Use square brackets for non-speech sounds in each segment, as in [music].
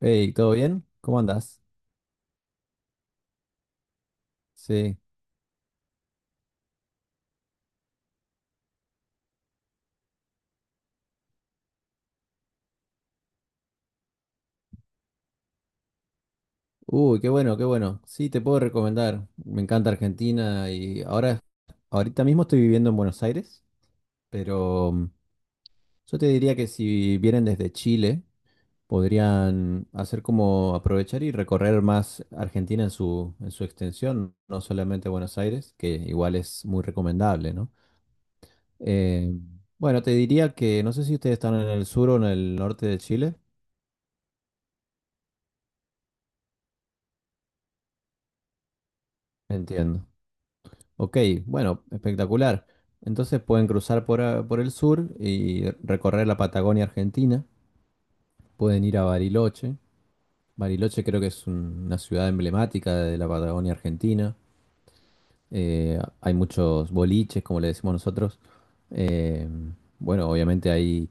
Hey, ¿todo bien? ¿Cómo andás? Sí. Uy, qué bueno, qué bueno. Sí, te puedo recomendar. Me encanta Argentina y ahorita mismo estoy viviendo en Buenos Aires, pero yo te diría que si vienen desde Chile, podrían hacer como aprovechar y recorrer más Argentina en su extensión, no solamente Buenos Aires, que igual es muy recomendable, ¿no? Eh, bueno, te diría que no sé si ustedes están en el sur o en el norte de Chile. Entiendo. Ok, bueno, espectacular. Entonces pueden cruzar por, por el sur y recorrer la Patagonia Argentina. Pueden ir a Bariloche. Bariloche creo que es una ciudad emblemática de la Patagonia Argentina. Hay muchos boliches, como le decimos nosotros. Eh, bueno, obviamente hay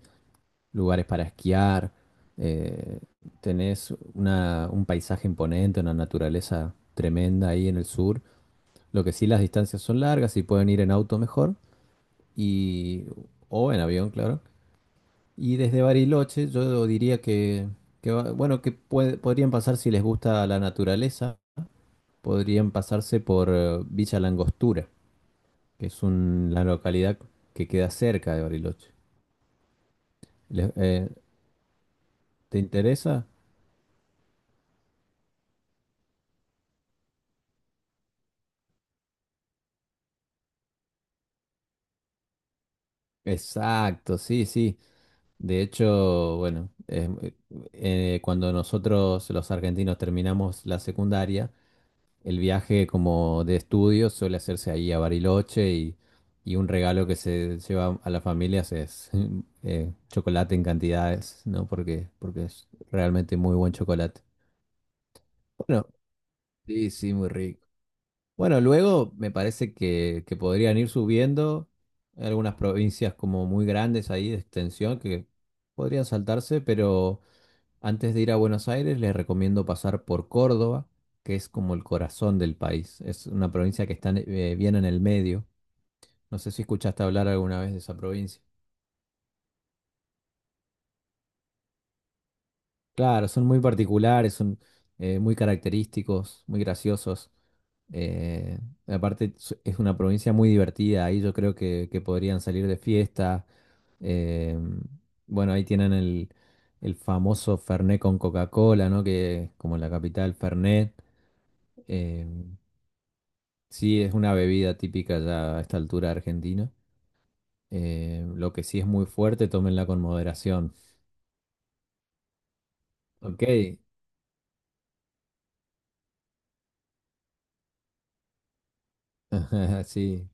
lugares para esquiar. Eh, Tenés un paisaje imponente, una naturaleza tremenda ahí en el sur. Lo que sí, las distancias son largas y pueden ir en auto mejor y o en avión, claro. Y desde Bariloche yo diría que bueno, podrían pasar si les gusta la naturaleza, podrían pasarse por Villa Langostura, que es la localidad que queda cerca de Bariloche. Le- eh, ¿Te interesa? Exacto, sí, sí. De hecho, bueno, cuando nosotros los argentinos terminamos la secundaria, el viaje como de estudios suele hacerse ahí a Bariloche, y un regalo que se lleva a las familias es [laughs] chocolate en cantidades, ¿no? Porque es realmente muy buen chocolate. Bueno, sí, sí, muy rico. Bueno, luego me parece que podrían ir subiendo. Hay algunas provincias como muy grandes ahí de extensión que podrían saltarse, Antes de ir a Buenos Aires, les recomiendo pasar por Córdoba, que es como el corazón del país. Es una provincia que está bien en el medio. No sé si escuchaste hablar alguna vez de esa provincia. Claro, son muy particulares, son muy característicos, muy graciosos. Eh, Aparte, es una provincia muy divertida. Ahí yo creo que podrían salir de fiesta. Eh, bueno, ahí tienen el famoso Fernet con Coca-Cola, ¿no? Que es como la capital, Fernet. Eh, Sí, es una bebida típica ya a esta altura de Argentina. Lo que sí es muy fuerte, tómenla con moderación. Ok, [laughs] sí,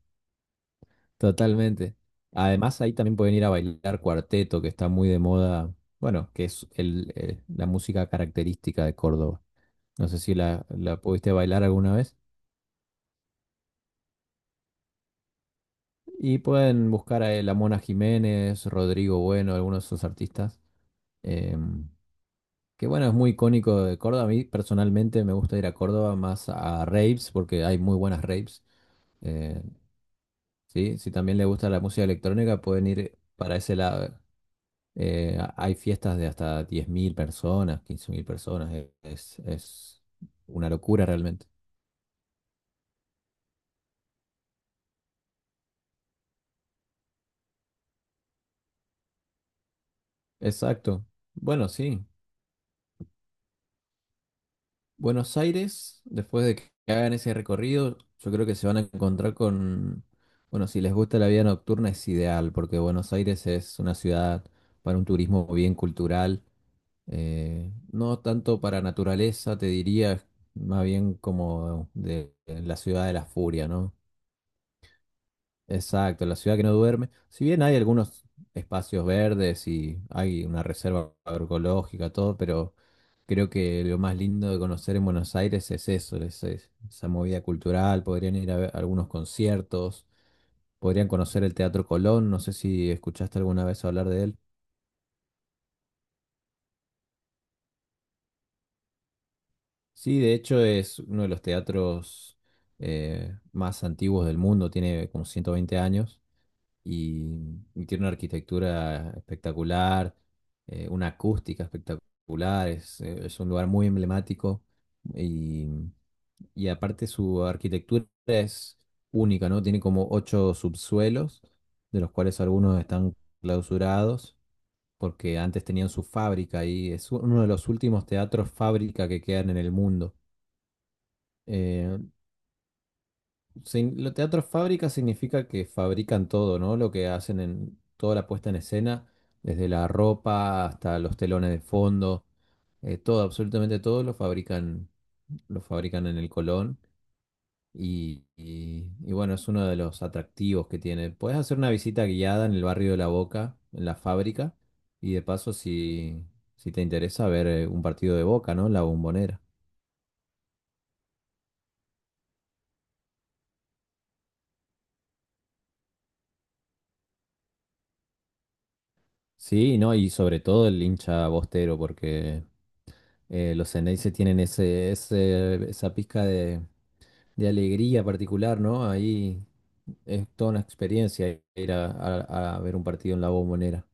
totalmente. Además, ahí también pueden ir a bailar cuarteto, que está muy de moda, bueno, que es el, la música característica de Córdoba. No sé si la, la pudiste bailar alguna vez. Y pueden buscar a la Mona Jiménez, Rodrigo Bueno, algunos de esos artistas. em, Que bueno, es muy icónico de Córdoba. A mí personalmente me gusta ir a Córdoba más a raves porque hay muy buenas raves. Eh, sí, si también le gusta la música electrónica, pueden ir para ese lado. Hay fiestas de hasta 10.000 personas, 15.000 personas. Es una locura realmente. Exacto. Bueno, sí. Buenos Aires, después de que hagan ese recorrido, yo creo que se van a encontrar con, bueno, si les gusta la vida nocturna es ideal, porque Buenos Aires es una ciudad para un turismo bien cultural, no tanto para naturaleza, te diría, más bien como de la ciudad de la furia, ¿no? Exacto, la ciudad que no duerme. Si bien hay algunos espacios verdes y hay una reserva agroecológica, todo, pero creo que lo más lindo de conocer en Buenos Aires es eso, es esa movida cultural. Podrían ir a ver algunos conciertos, podrían conocer el Teatro Colón. No sé si escuchaste alguna vez hablar de él. Sí, de hecho es uno de los teatros más antiguos del mundo, tiene como 120 años. Y y tiene una arquitectura espectacular, una acústica espectacular, es un lugar muy emblemático, y, y aparte su arquitectura es única, ¿no? Tiene como ocho subsuelos, de los cuales algunos están clausurados porque antes tenían su fábrica y es uno de los últimos teatros fábrica que quedan en el mundo. Eh, Sí, lo teatro fábrica significa que fabrican todo, ¿no? Lo que hacen en toda la puesta en escena, desde la ropa hasta los telones de fondo, todo, absolutamente todo lo fabrican en el Colón. Y bueno, es uno de los atractivos que tiene. Puedes hacer una visita guiada en el barrio de La Boca, en la fábrica, y de paso, si te interesa, ver un partido de Boca, ¿no? En La Bombonera. Sí, no, y sobre todo el hincha bostero, porque los Xeneize tienen ese, esa pizca de alegría particular, ¿no? Ahí es toda una experiencia ir a ver un partido en la Bombonera.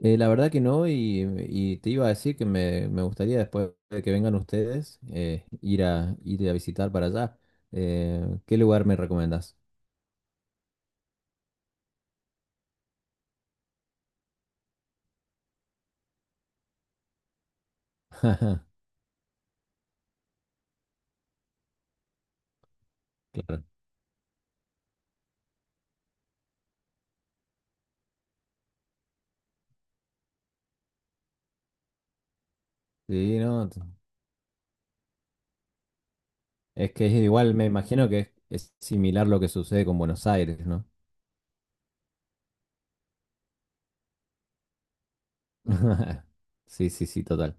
La verdad que no, y te iba a decir que me gustaría después de que vengan ustedes ir a, ir a visitar para allá. ¿Qué lugar me recomendás? [laughs] Claro. Sí, no. Es que es igual, me imagino que es similar lo que sucede con Buenos Aires, ¿no? [laughs] Sí, sí, sí, total.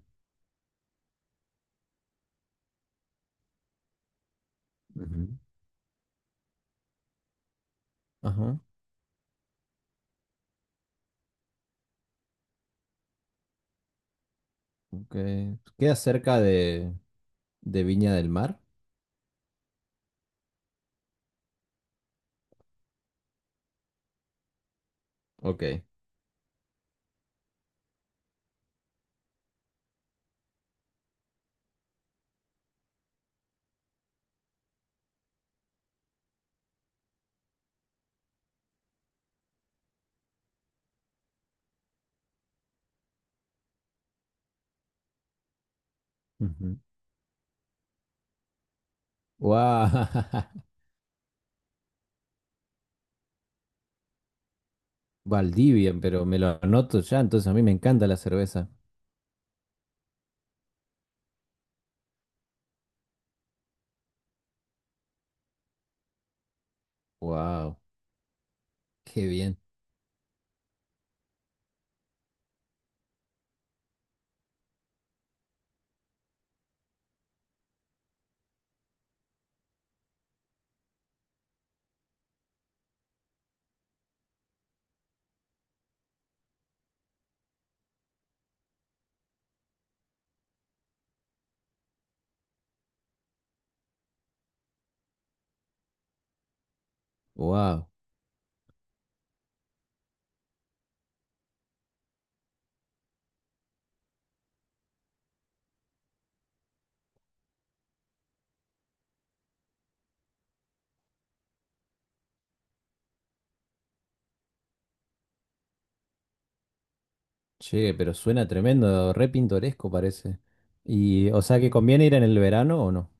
Ujú. Ajá, ok. ¿Queda cerca de Viña del Mar? Ok. Ujú. Guau, [laughs] Valdivia, pero me lo anoto ya, entonces a mí me encanta la cerveza. Wow, qué bien. Wow. Che, pero suena tremendo, re pintoresco parece. Y, ¿o sea que conviene ir en el verano o no?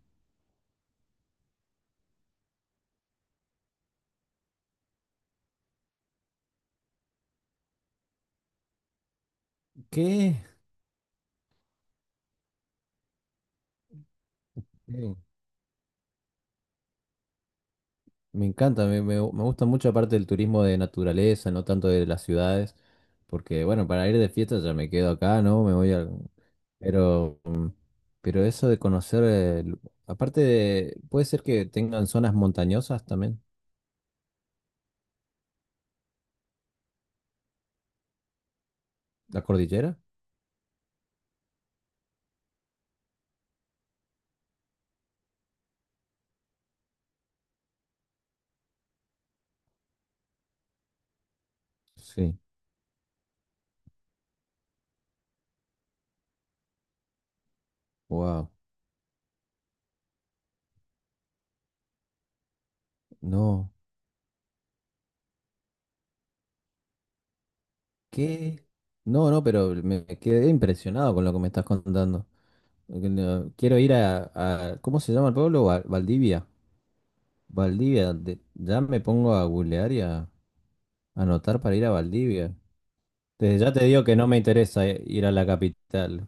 ¿Qué? Me encanta, me gusta mucho aparte del turismo de naturaleza, no tanto de las ciudades, porque bueno, para ir de fiesta ya me quedo acá, ¿no? Me voy a... Pero, mm, pero eso de conocer, aparte de, puede ser que tengan zonas montañosas también, la cordillera. Sí, wow, no, ¿qué? No, no, pero me quedé impresionado con lo que me estás contando. Porque quiero ir ¿cómo se llama el pueblo? Valdivia. Valdivia, ya me pongo a googlear. Anotar para ir a Valdivia. Desde ya te digo que no me interesa ir a la capital.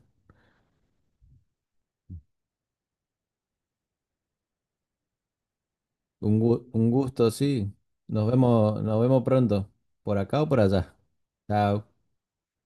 Un gusto, sí. Nos vemos pronto. ¿Por acá o por allá? Chao.